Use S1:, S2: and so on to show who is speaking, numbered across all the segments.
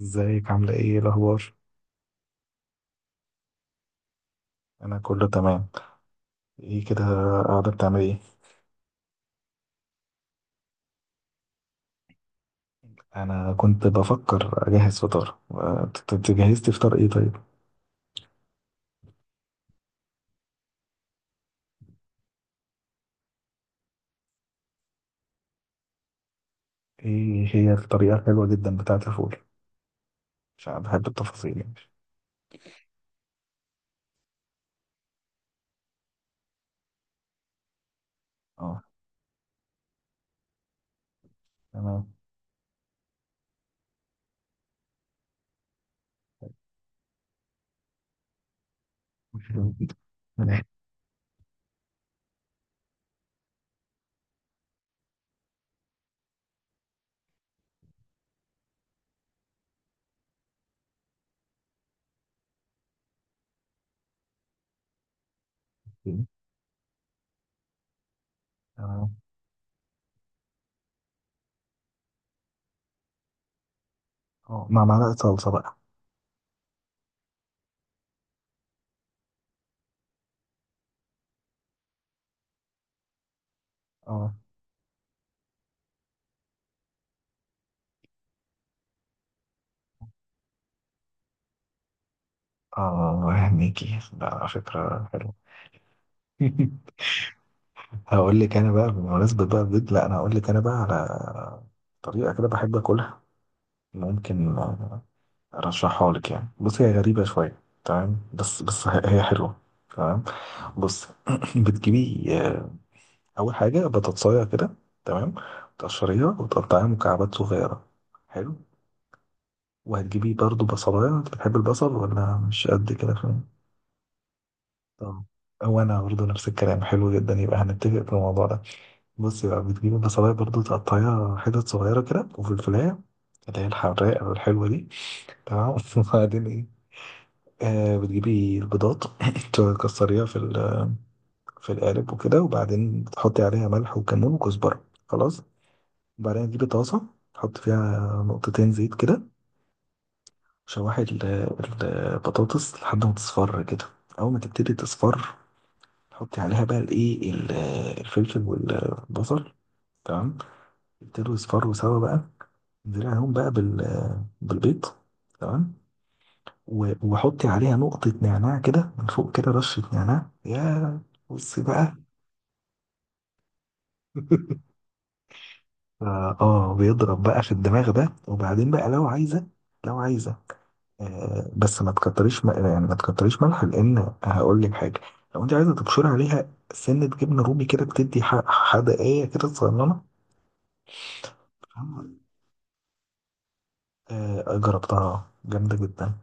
S1: ازيك عاملة إيه الأخبار؟ أنا كله تمام، ايه كده، قاعدة بتعمل ايه؟ أنا كنت بفكر أجهز فطار، انت جهزتي فطار ايه طيب؟ ايه هي الطريقة الحلوة جدا بتاعة الفول؟ عشان بحب التفاصيل يعني. اه، تمام. تمام. اه، مع معلقة صلصة بقى. اه اه، هنيكي ده فكرة حلوة. هقول لك أنا بقى، بمناسبة بقى البيض، لا أنا هقول لك أنا بقى على طريقة كده بحب أكلها، ممكن رشحها لك يعني. بصي، هي غريبة شوية، تمام، بس هي حلوة. تمام، بص. بتجيبي أول حاجة بتتصايع كده، تمام، تقشريها وتقطعيها مكعبات صغيرة، حلو. وهتجيبي برضو بصلاية، انت بتحب البصل ولا مش قد كده؟ فاهم، طب وانا برضو نفس الكلام، حلو جدا، يبقى هنتفق في الموضوع ده. بصي بقى، بتجيبي بصلاية برضو تقطعيها حتت صغيرة كده، وفلفلاية اللي هي الحراقة والحلوة دي، تمام. وبعدين ايه، آه بتجيبي البيضات، تكسريها في في القالب وكده، وبعدين تحطي عليها ملح وكمون وكزبرة خلاص، وبعدين تجيبي طاسة تحط فيها نقطتين زيت كده، شوحي البطاطس لحد ما تصفر كده، أول ما تبتدي تصفر تحطي عليها بقى الفلفل والبصل، تمام، يبتدوا يصفروا سوا بقى، انزلي عليهم بقى بالبيض، تمام، وحطي عليها نقطة نعناع كده من فوق، كده رشة نعناع، يا بصي بقى. اه، بيضرب بقى في الدماغ ده، وبعدين بقى لو عايزة، لو عايزة بس ما تكتريش، يعني ما تكتريش ملح لأن هقول لك حاجة، لو أنت عايزة تبشري عليها سنة جبنة رومي كده بتدي حدقية كده صغننة. آه، جربتها جامدة جدا.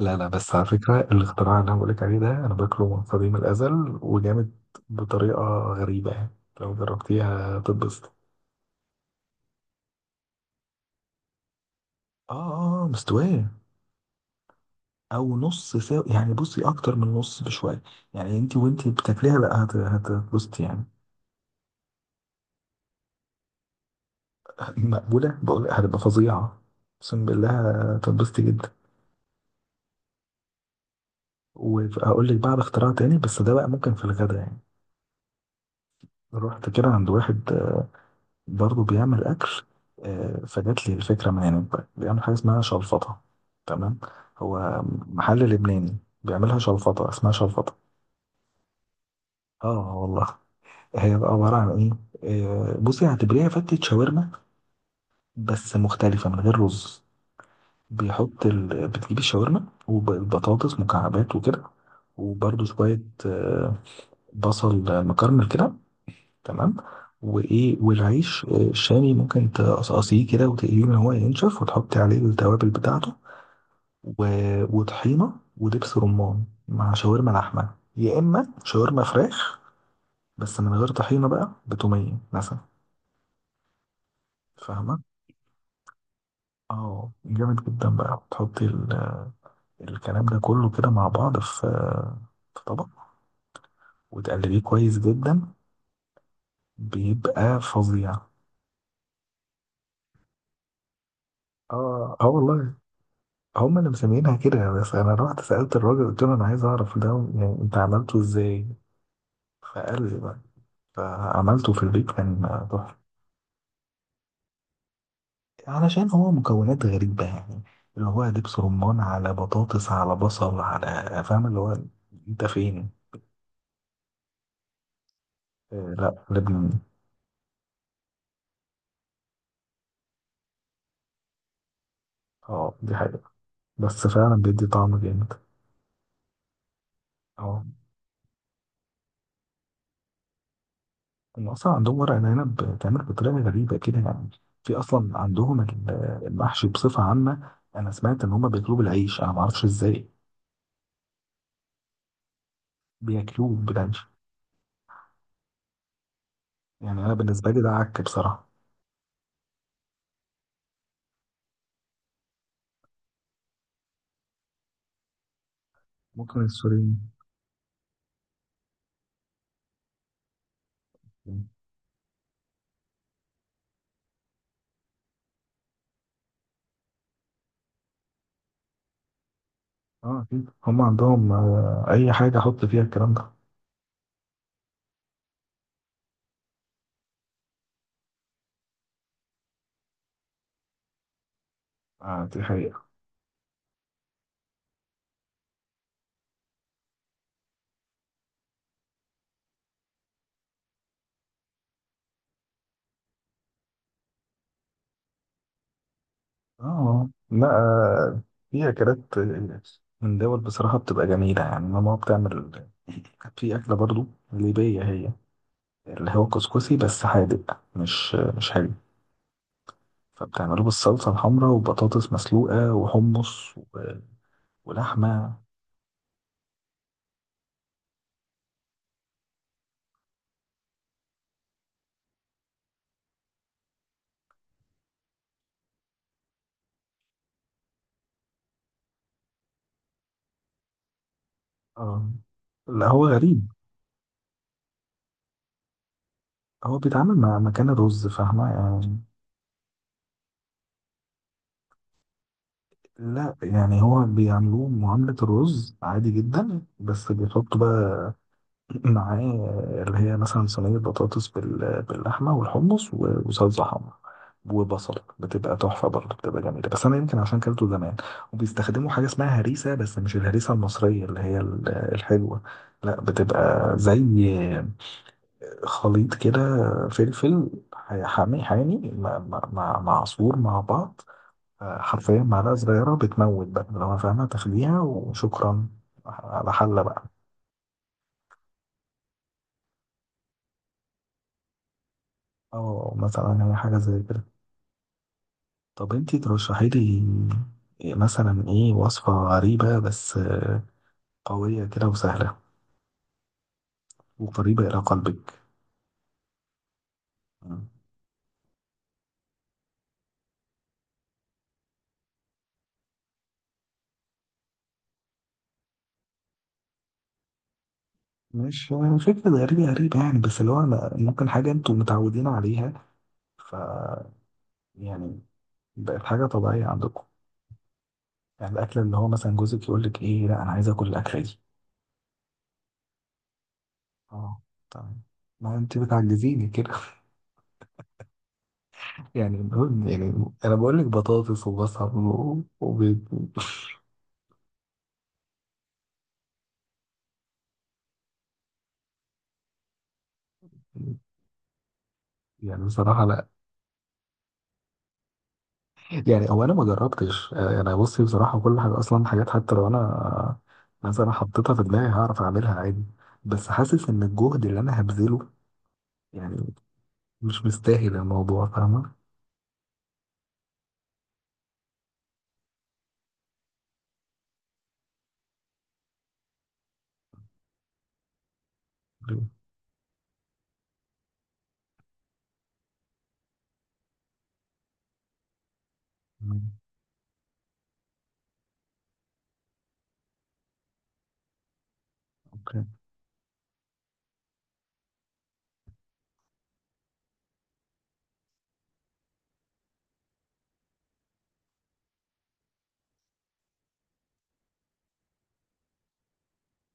S1: لا لا، بس على فكرة الاختراع اللي أنا بقولك عليه ده أنا باكله من قديم الأزل وجامد، بطريقة غريبة يعني، لو جربتيها هتتبسط. آه آه، مستوية. أو نص سوا يعني، بصي، أكتر من نص بشوية يعني، أنت وأنت بتاكليها لا، هتتبسطي يعني. مقبولة؟ بقول هتبقى فظيعة، أقسم بالله، هتتبسطي جدا. وهقول لك بعد اختراع تاني، بس ده بقى ممكن في الغدا يعني. رحت كده عند واحد برضه بيعمل أكل، فجات لي الفكرة من هناك، بيعمل حاجة اسمها شلفطة، تمام، هو محل لبناني، بيعملها شلفطة، اسمها شلفطة. اه والله، هي بقى عبارة عن ايه، بصي، هتبريها فتة شاورما بس مختلفة، من غير رز. بتجيب الشاورما والبطاطس مكعبات وكده، وبرضه شوية، آه، بصل مكرمل كده، تمام، وايه، والعيش الشامي، ممكن تقصقصيه كده وتقليه ان هو ينشف وتحطي عليه التوابل بتاعته، و... وطحينه ودبس رمان مع شاورما لحمه يا اما شاورما فراخ، بس من غير طحينه بقى، بتوميه مثلا، فاهمه. اه، جامد جدا بقى، تحطي الكلام ده كله كده مع بعض في طبق، وتقلبيه كويس جدا، بيبقى فظيع. اه اه والله، هم اللي مسمينها كده، بس انا رحت سألت الراجل، قلت له انا عايز اعرف ده، يعني انت عملته ازاي؟ فقال لي بقى، فعملته في البيت كان تحفة. علشان هو مكونات غريبة يعني، اللي هو دبس رمان على بطاطس على بصل على، فاهم اللي هو. انت فين؟ آه، لا لبنان. اه دي حقيقة، بس فعلا بيدي طعم جامد. اه، هم اصلا عندهم ورق العنب بتعمل بطريقة غريبة كده يعني. في اصلا عندهم المحشي بصفة عامة، انا سمعت ان هم بيطلبوا العيش، انا ما اعرفش ازاي بياكلوه بالعنف، يعني انا بالنسبه لي ده عك بصراحه. ممكن السوريين. اه، اكيد هم عندهم اي حاجه احط فيها الكلام ده. آه، دي حقيقه. اه، لا، في اكلات، من دول بصراحه بتبقى جميله يعني. ماما بتعمل في اكله برضو ليبيه، هي اللي هو كسكسي، بس حادق مش حلو، فبتعمله بالصلصه الحمراء وبطاطس مسلوقه وحمص ولحمه. اه، لا هو غريب، هو بيتعامل مع مكان الرز، فاهمة يعني. لا يعني، هو بيعملوه معاملة الرز عادي جدا، بس بيحطوا بقى معاه، اللي هي مثلا صينية بطاطس باللحمة والحمص وصلصة حمرا وبصل، بتبقى تحفة برضه، بتبقى جميلة، بس أنا يمكن عشان كلته زمان. وبيستخدموا حاجة اسمها هريسة، بس مش الهريسة المصرية اللي هي الحلوة، لا بتبقى زي خليط كده، فلفل حامي حامي مع عصفور مع بعض، آه، حرفيا معلقة صغيرة بتموت بقى لو أنا فاهمها، تاخديها وشكرا على حلة بقى. أو مثلا هي حاجة زي كده. طب انتي ترشحي لي مثلا ايه وصفة غريبة، بس قوية كده وسهلة وقريبة إلى قلبك. مم. مش فكرة غريبة غريبة يعني، بس اللي هو أنا- ممكن حاجة انتوا متعودين عليها، ف يعني، بقت حاجة طبيعية عندكم يعني، الأكل اللي هو مثلا جوزك يقول لك ايه، لا أنا عايز آكل الأكلة دي. اه تمام، ما انت بتعجزيني كده. يعني المهم، يعني انا بقول لك بطاطس وبصل وبيض. يعني بصراحه لا. يعني هو، انا ما جربتش، انا بصي بصراحه، كل حاجه اصلا حاجات، حتى لو انا مثلا حطيتها في دماغي هعرف اعملها عادي، بس حاسس ان الجهد اللي انا هبذله يعني مش مستاهل الموضوع، فاهمه. مم. اوكي.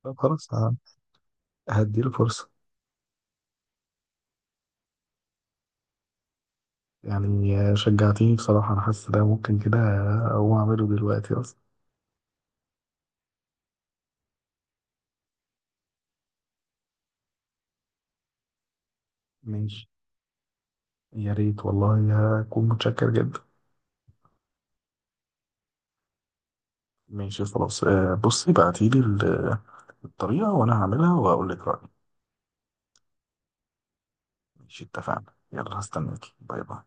S1: طب خلاص، هديله فرصه. يعني شجعتيني بصراحه، انا حاسس ده ممكن كده اقوم اعمله دلوقتي اصلا. ماشي، يا ريت والله، هكون متشكر جدا. ماشي خلاص، بصي بعتيلي الطريقة وأنا هعملها وأقول لك رأيي. ماشي اتفقنا، يلا هستناكي، باي باي.